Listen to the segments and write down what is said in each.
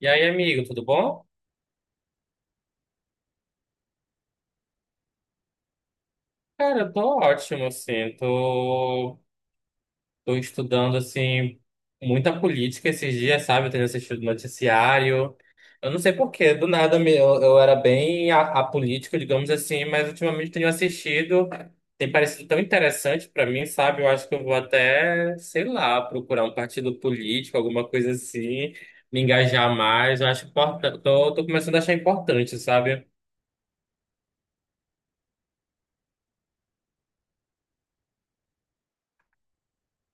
E aí, amigo, tudo bom? Cara, eu tô ótimo, assim, tô estudando, assim, muita política esses dias, sabe? Eu tenho assistido noticiário, eu não sei por quê, do nada eu era bem apolítico, digamos assim, mas ultimamente eu tenho assistido, tem parecido tão interessante pra mim, sabe? Eu acho que eu vou até, sei lá, procurar um partido político, alguma coisa assim, me engajar mais, eu acho importante, tô começando a achar importante, sabe?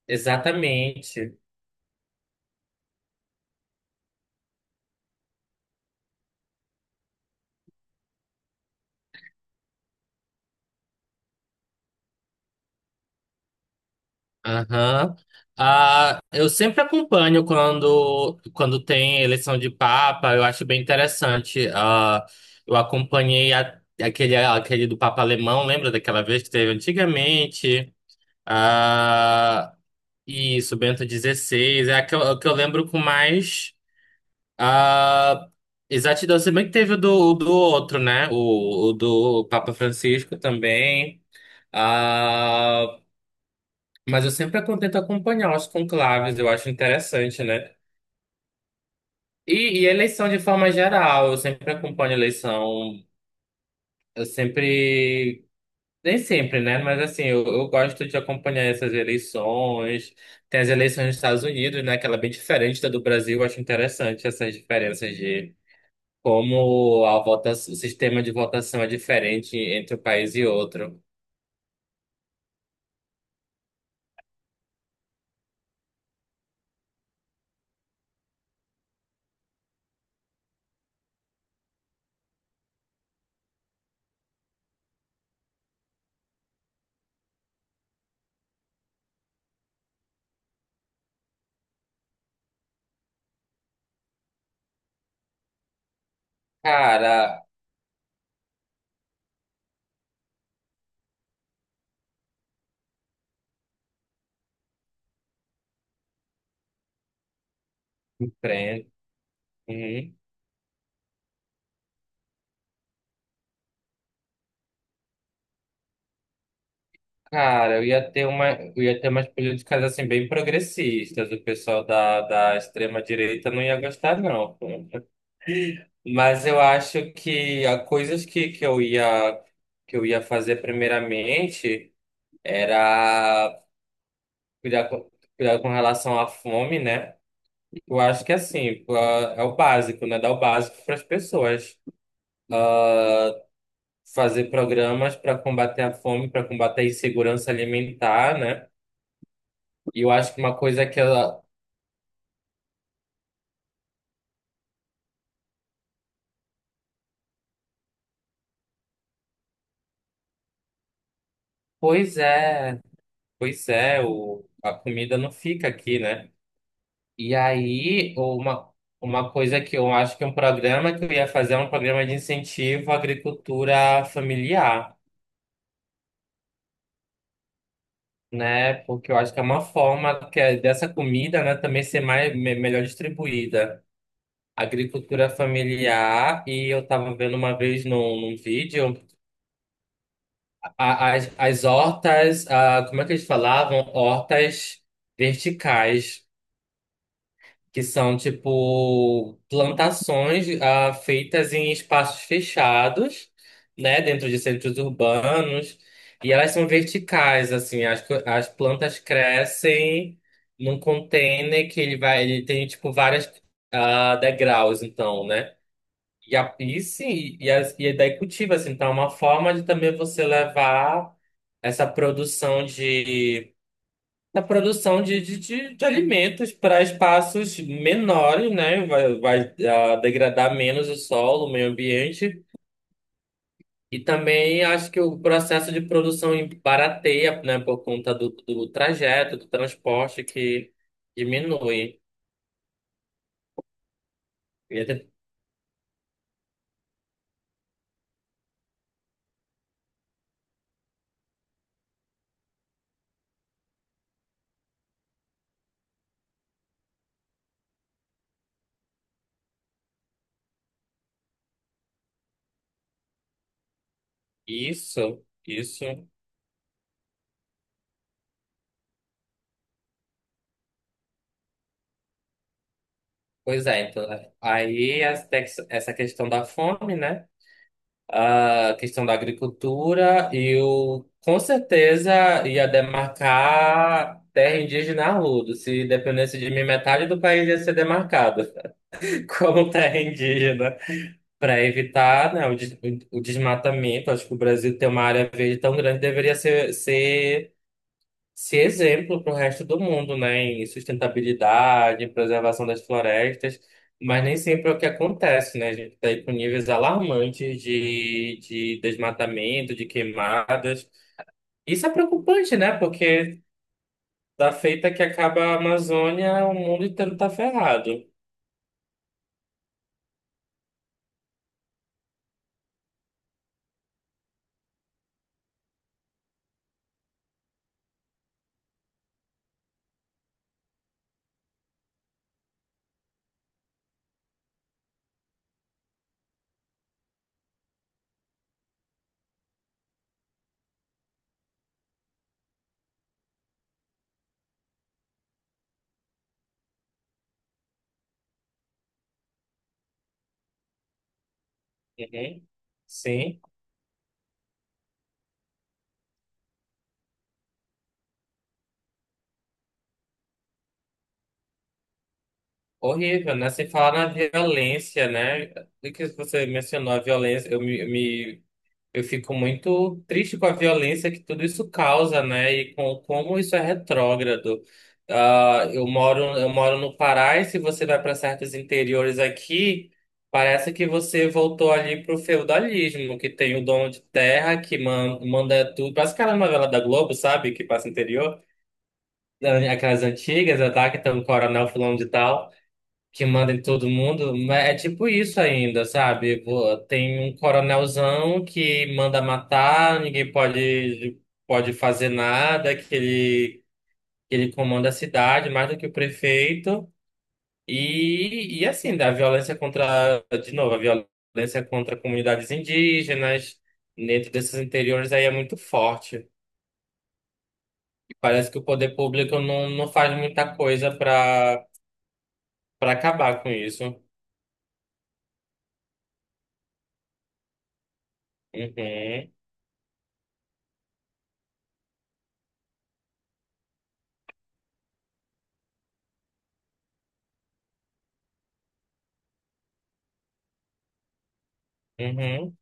Exatamente. Aham. Ah, eu sempre acompanho quando tem eleição de Papa, eu acho bem interessante. Ah, eu acompanhei aquele do Papa Alemão, lembra daquela vez que teve antigamente? Ah, isso, Bento XVI é a que eu lembro com mais ah, exatidão. Se bem que teve o do outro, né? O do Papa Francisco também. Ah, mas eu sempre tento acompanhar os conclaves, eu acho interessante, né? E eleição de forma geral, eu sempre acompanho eleição, eu sempre, nem sempre, né? Mas assim, eu gosto de acompanhar essas eleições. Tem as eleições dos Estados Unidos, né? Que ela é bem diferente da do Brasil, eu acho interessante essas diferenças de como a votação, o sistema de votação é diferente entre um país e outro. Cara, enfrenta. Cara, eu ia ter umas políticas assim bem progressistas. O pessoal da extrema direita não ia gostar, não. Pô. Mas eu acho que há coisas que eu ia fazer primeiramente era cuidar com, cuidar com relação à fome, né? Eu acho que assim, pô, é o básico, né? Dar o básico para as pessoas. Ah, Fazer programas para combater a fome, para combater a insegurança alimentar, né? E eu acho que uma coisa que. Pois é, pois é, a comida não fica aqui, né? E aí, uma coisa que eu acho que é um programa que eu ia fazer é um programa de incentivo à agricultura familiar, né? Porque eu acho que é uma forma que é dessa comida, né, também ser mais, melhor distribuída. Agricultura familiar, e eu tava vendo uma vez num vídeo as hortas, como é que eles falavam? Hortas verticais. Que são tipo plantações feitas em espaços fechados, né, dentro de centros urbanos, e elas são verticais, assim, as plantas crescem num container que ele tem tipo várias degraus, então, né? E, a, e sim, e, as, e daí cultiva, assim, então é uma forma de também você levar essa produção da produção de alimentos para espaços menores, né? Vai degradar menos o solo, o meio ambiente. E também acho que o processo de produção barateia, né? Por conta do trajeto, do transporte que diminui. E até. Isso, isso. Pois é, então, aí essa questão da fome, né? A questão da agricultura, eu com certeza ia demarcar terra indígena a rodo. Se dependesse de mim, metade do país ia ser demarcado como terra indígena, para evitar, né, o desmatamento. Acho que o Brasil tem uma área verde tão grande, deveria ser exemplo para o resto do mundo, né, em sustentabilidade, em preservação das florestas, mas nem sempre é o que acontece, né? A gente está aí com níveis alarmantes de desmatamento, de queimadas. Isso é preocupante, né? Porque da feita que acaba a Amazônia, o mundo inteiro está ferrado. Uhum. Sim. Horrível, né? Sem falar na violência, né? O que você mencionou, a violência, Eu fico muito triste com a violência que tudo isso causa, né? E com como isso é retrógrado. Ah, eu moro no Pará e se você vai para certos interiores aqui, parece que você voltou ali pro feudalismo, que tem o dono de terra que manda tudo. Parece aquela novela da Globo, sabe? Que passa no interior, aquelas antigas, né, tá? Que tem o coronel fulano de tal que manda em todo mundo, mas é tipo isso ainda, sabe? Pô, tem um coronelzão que manda matar, ninguém pode fazer nada, que ele comanda a cidade mais do que o prefeito. E assim, da violência contra, de novo, a violência contra comunidades indígenas, dentro desses interiores aí é muito forte. Parece que o poder público não faz muita coisa para acabar com isso. Uhum, uhum,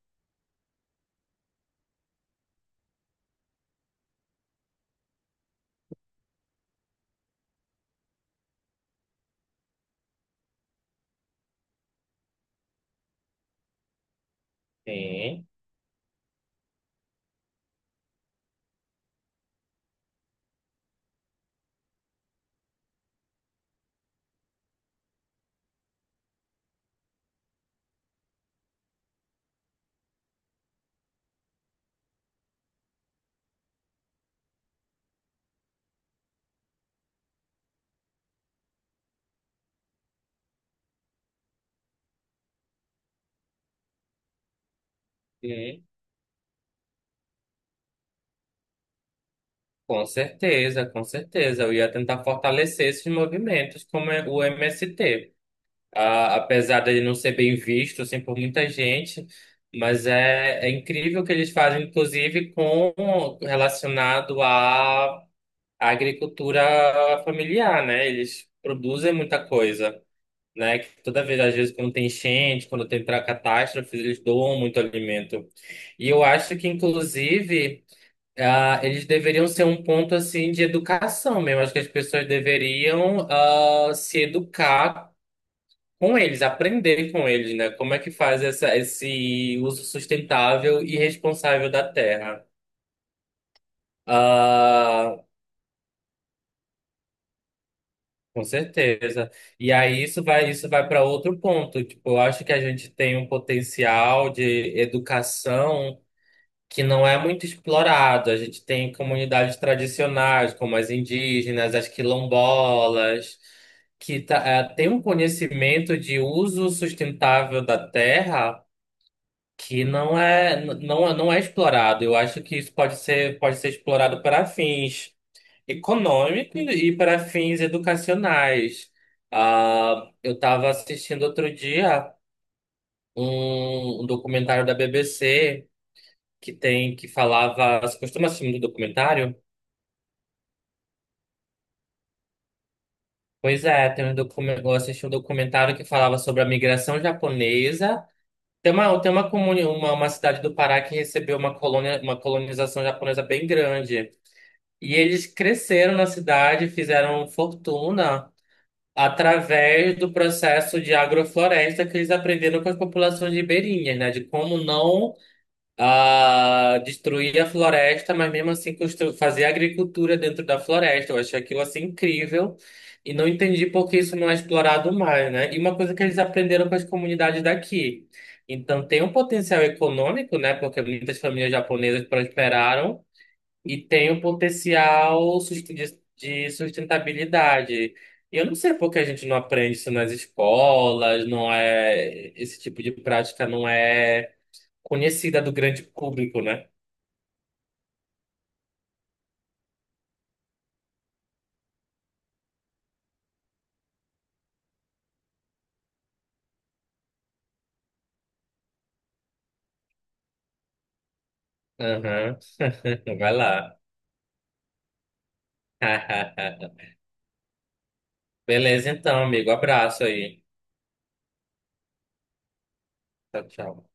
sim. Sim, com certeza, com certeza. Eu ia tentar fortalecer esses movimentos, como é o MST. Apesar dele não ser bem visto assim, por muita gente, mas é incrível o que eles fazem, inclusive com relacionado à agricultura familiar, né? Eles produzem muita coisa, né? Que toda vez, às vezes, quando tem enchente, quando tem catástrofes, eles doam muito alimento. E eu acho que, inclusive. Eles deveriam ser um ponto assim de educação mesmo. Acho que as pessoas deveriam se educar com eles, aprender com eles, né? Como é que faz esse uso sustentável e responsável da terra? Ah, com certeza. E aí isso vai para outro ponto. Tipo, eu acho que a gente tem um potencial de educação que não é muito explorado. A gente tem comunidades tradicionais, como as indígenas, as quilombolas, que tem um conhecimento de uso sustentável da terra que não é explorado. Eu acho que isso pode ser explorado para fins econômicos e para fins educacionais. Eu estava assistindo outro dia um documentário da BBC que falava. Você costuma assistir muito documentário? Pois é, tem um documentário, eu assisti um documentário que falava sobre a migração japonesa. Tem uma cidade do Pará que recebeu uma colonização japonesa bem grande. E eles cresceram na cidade, fizeram fortuna através do processo de agrofloresta que eles aprenderam com as populações ribeirinhas, né? De como não a destruir a floresta, mas mesmo assim fazer agricultura dentro da floresta. Eu achei aquilo assim incrível e não entendi por que isso não é explorado mais, né? E uma coisa que eles aprenderam com as comunidades daqui. Então tem um potencial econômico, né? Porque muitas famílias japonesas prosperaram e tem um potencial de sustentabilidade. E eu não sei por que a gente não aprende isso nas escolas, não é esse tipo de prática não é conhecida do grande público, né? Aham. Vai lá. Beleza, então, amigo. Abraço aí. Tchau, tchau.